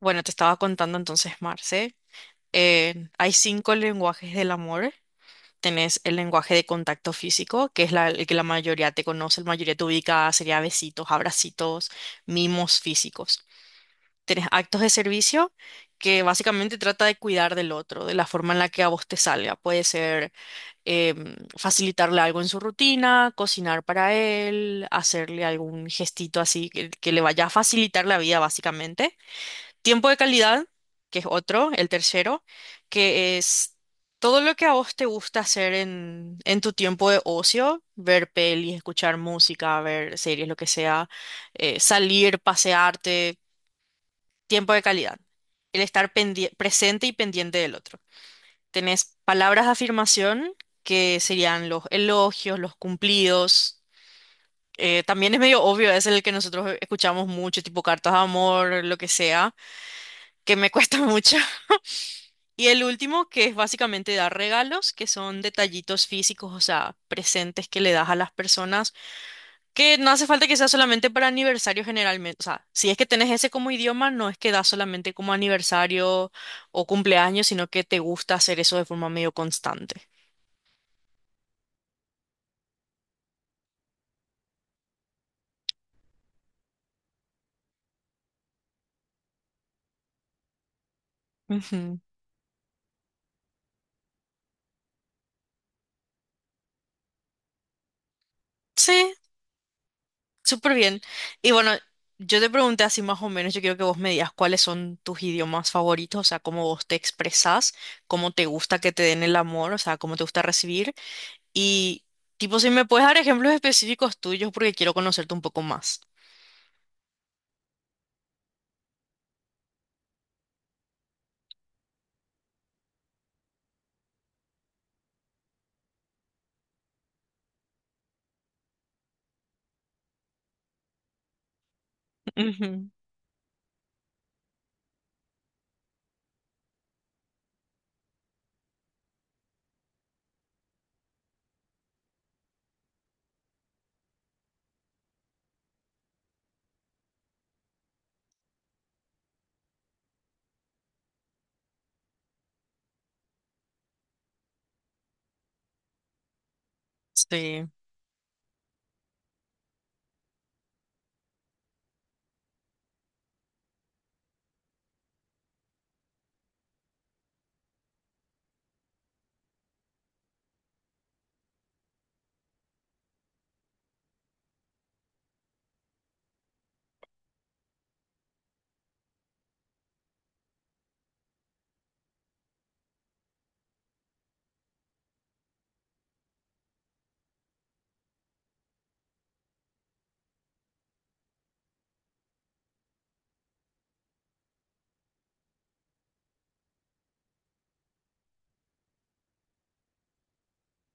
Bueno, te estaba contando entonces, Marce. Hay cinco lenguajes del amor. Tenés el lenguaje de contacto físico, que es el que la mayoría te conoce, la mayoría te ubica, sería besitos, abracitos, mimos físicos. Tenés actos de servicio, que básicamente trata de cuidar del otro, de la forma en la que a vos te salga. Puede ser facilitarle algo en su rutina, cocinar para él, hacerle algún gestito así que le vaya a facilitar la vida, básicamente. Tiempo de calidad, que es otro, el tercero, que es todo lo que a vos te gusta hacer en tu tiempo de ocio, ver pelis, escuchar música, ver series, lo que sea, salir, pasearte, tiempo de calidad. El presente y pendiente del otro. Tenés palabras de afirmación, que serían los elogios, los cumplidos. También es medio obvio, es el que nosotros escuchamos mucho, tipo cartas de amor, lo que sea que me cuesta mucho. Y el último, que es básicamente dar regalos, que son detallitos físicos, o sea, presentes que le das a las personas, que no hace falta que sea solamente para aniversario generalmente. O sea, si es que tenés ese como idioma, no es que das solamente como aniversario o cumpleaños, sino que te gusta hacer eso de forma medio constante. Ujú. Sí, súper bien. Y bueno, yo te pregunté así más o menos, yo quiero que vos me digas cuáles son tus idiomas favoritos, o sea, cómo vos te expresás, cómo te gusta que te den el amor, o sea, cómo te gusta recibir. Y, tipo, si me puedes dar ejemplos específicos tuyos porque quiero conocerte un poco más. Ujú. Sí.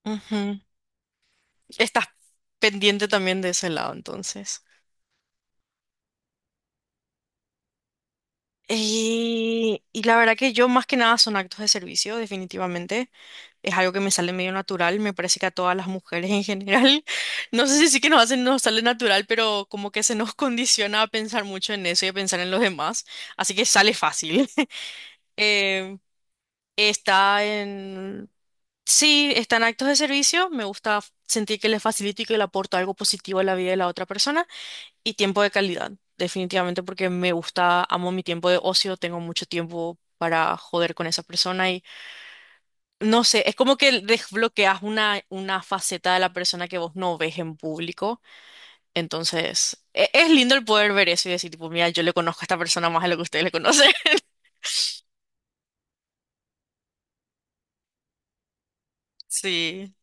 Ujú. Estás pendiente también de ese lado, entonces. Y la verdad que yo más que nada son actos de servicio, definitivamente. Es algo que me sale medio natural, me parece que a todas las mujeres en general, no sé si sí que nos hacen, nos sale natural, pero como que se nos condiciona a pensar mucho en eso y a pensar en los demás, así que sale fácil. Eh, Está en. Sí, están actos de servicio, me gusta sentir que les facilito y que le aporto algo positivo a la vida de la otra persona y tiempo de calidad, definitivamente porque me gusta, amo mi tiempo de ocio, tengo mucho tiempo para joder con esa persona y no sé, es como que desbloqueas una faceta de la persona que vos no ves en público, entonces es lindo el poder ver eso y decir, tipo, mira, yo le conozco a esta persona más de lo que ustedes le conocen. Sí.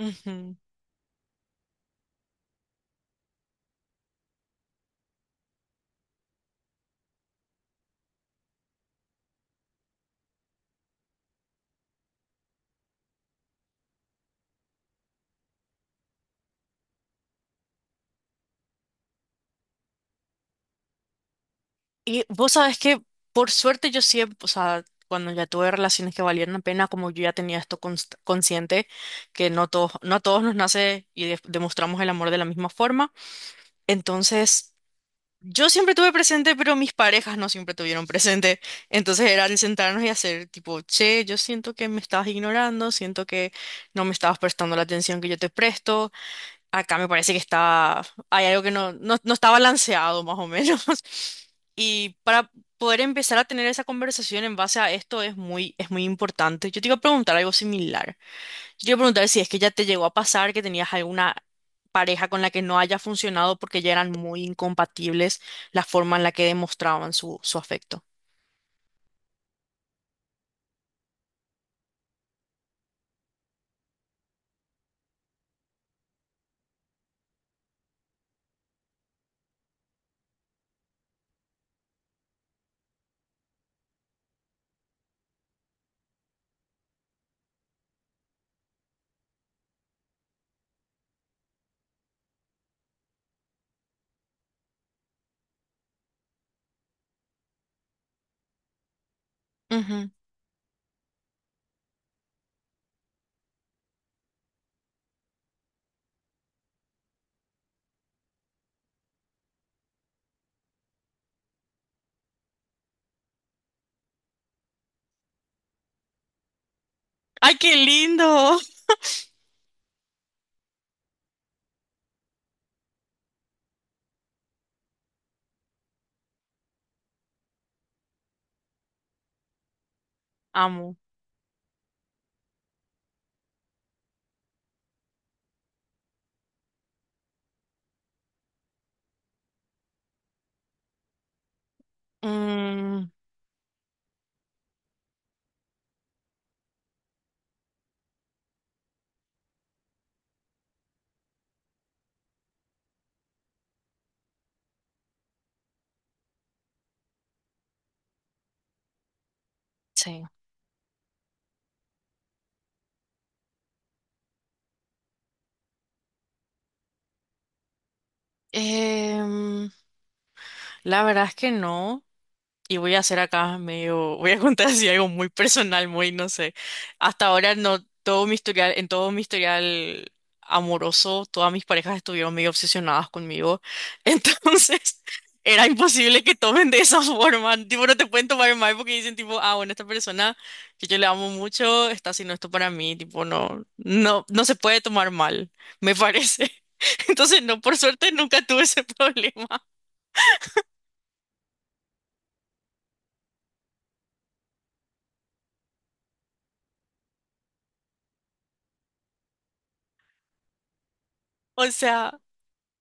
Ujú. Y vos sabés que, por suerte, yo siempre, o sea, cuando ya tuve relaciones que valieron la pena, como yo ya tenía esto consciente, que no todos, no a todos nos nace y demostramos el amor de la misma forma. Entonces, yo siempre tuve presente, pero mis parejas no siempre tuvieron presente. Entonces era el sentarnos y hacer tipo, che, yo siento que me estabas ignorando, siento que no me estabas prestando la atención que yo te presto. Acá me parece que está, hay algo que no está balanceado más o menos. Y para poder empezar a tener esa conversación en base a esto es muy importante. Yo te iba a preguntar algo similar. Yo te iba a preguntar si es que ya te llegó a pasar que tenías alguna pareja con la que no haya funcionado porque ya eran muy incompatibles la forma en la que demostraban su afecto. Ujú. ¡Ay, qué lindo! Amo. Mm, sí. Em, la verdad es que no. Y voy a hacer acá medio, voy a contar así algo muy personal, muy, no sé. Hasta ahora no, todo mi historial, en todo mi historial amoroso, todas mis parejas estuvieron medio obsesionadas conmigo. Entonces, era imposible que tomen de esa forma. Tipo, no te pueden tomar mal porque dicen tipo, ah, bueno, esta persona que yo le amo mucho está haciendo esto para mí. Tipo, no se puede tomar mal, me parece. Entonces, no, por suerte nunca tuve ese problema. O sea,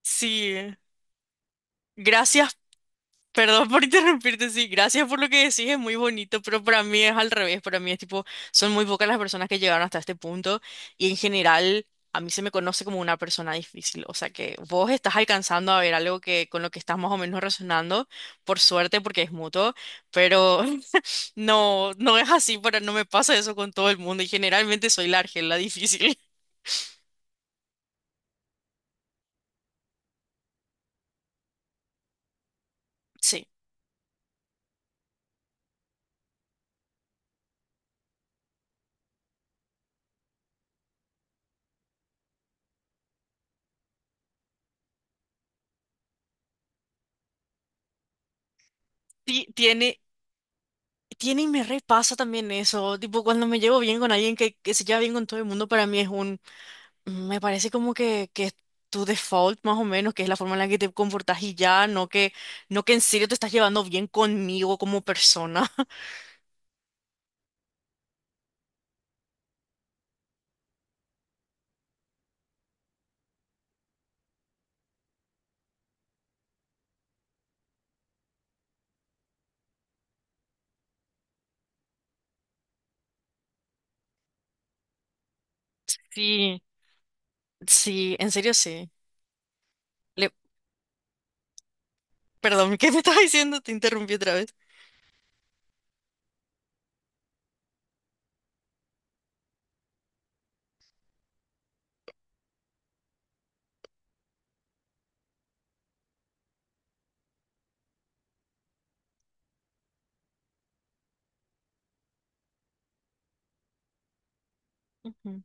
sí. Gracias. Perdón por interrumpirte, sí, gracias por lo que decís, es muy bonito, pero para mí es al revés, para mí es tipo, son muy pocas las personas que llegaron hasta este punto y en general a mí se me conoce como una persona difícil, o sea que vos estás alcanzando a ver algo que con lo que estás más o menos resonando, por suerte porque es mutuo, pero no, no es así, para, no me pasa eso con todo el mundo y generalmente soy la argel, la difícil. Sí, tiene, tiene y me repasa también eso. Tipo, cuando me llevo bien con alguien que se lleva bien con todo el mundo, para mí es un. Me parece como que es tu default más o menos, que es la forma en la que te comportas y ya, no que en serio te estás llevando bien conmigo como persona. Sí. Sí, en serio sí. Le- Perdón, ¿qué me estás diciendo? Te interrumpí otra vez. Ujú.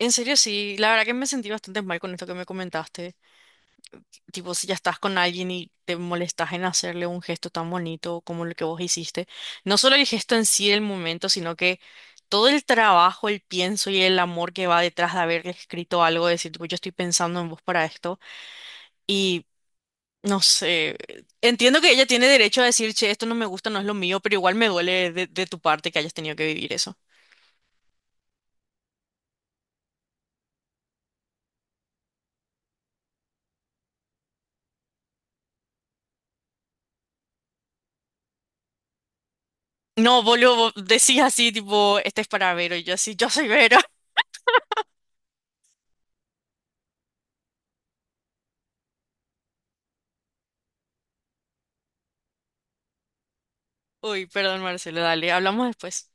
En serio sí, la verdad que me sentí bastante mal con esto que me comentaste. Tipo, si ya estás con alguien y te molestas en hacerle un gesto tan bonito como el que vos hiciste, no solo el gesto en sí del momento, sino que todo el trabajo, el pienso y el amor que va detrás de haberle escrito algo, decir, tipo, yo estoy pensando en vos para esto. Y no sé, entiendo que ella tiene derecho a decir, che, esto no me gusta, no es lo mío, pero igual me duele de tu parte que hayas tenido que vivir eso. No, boludo, decís así, tipo, este es para Vero, y yo así, yo soy Vero. Uy, perdón, Marcelo, dale, hablamos después.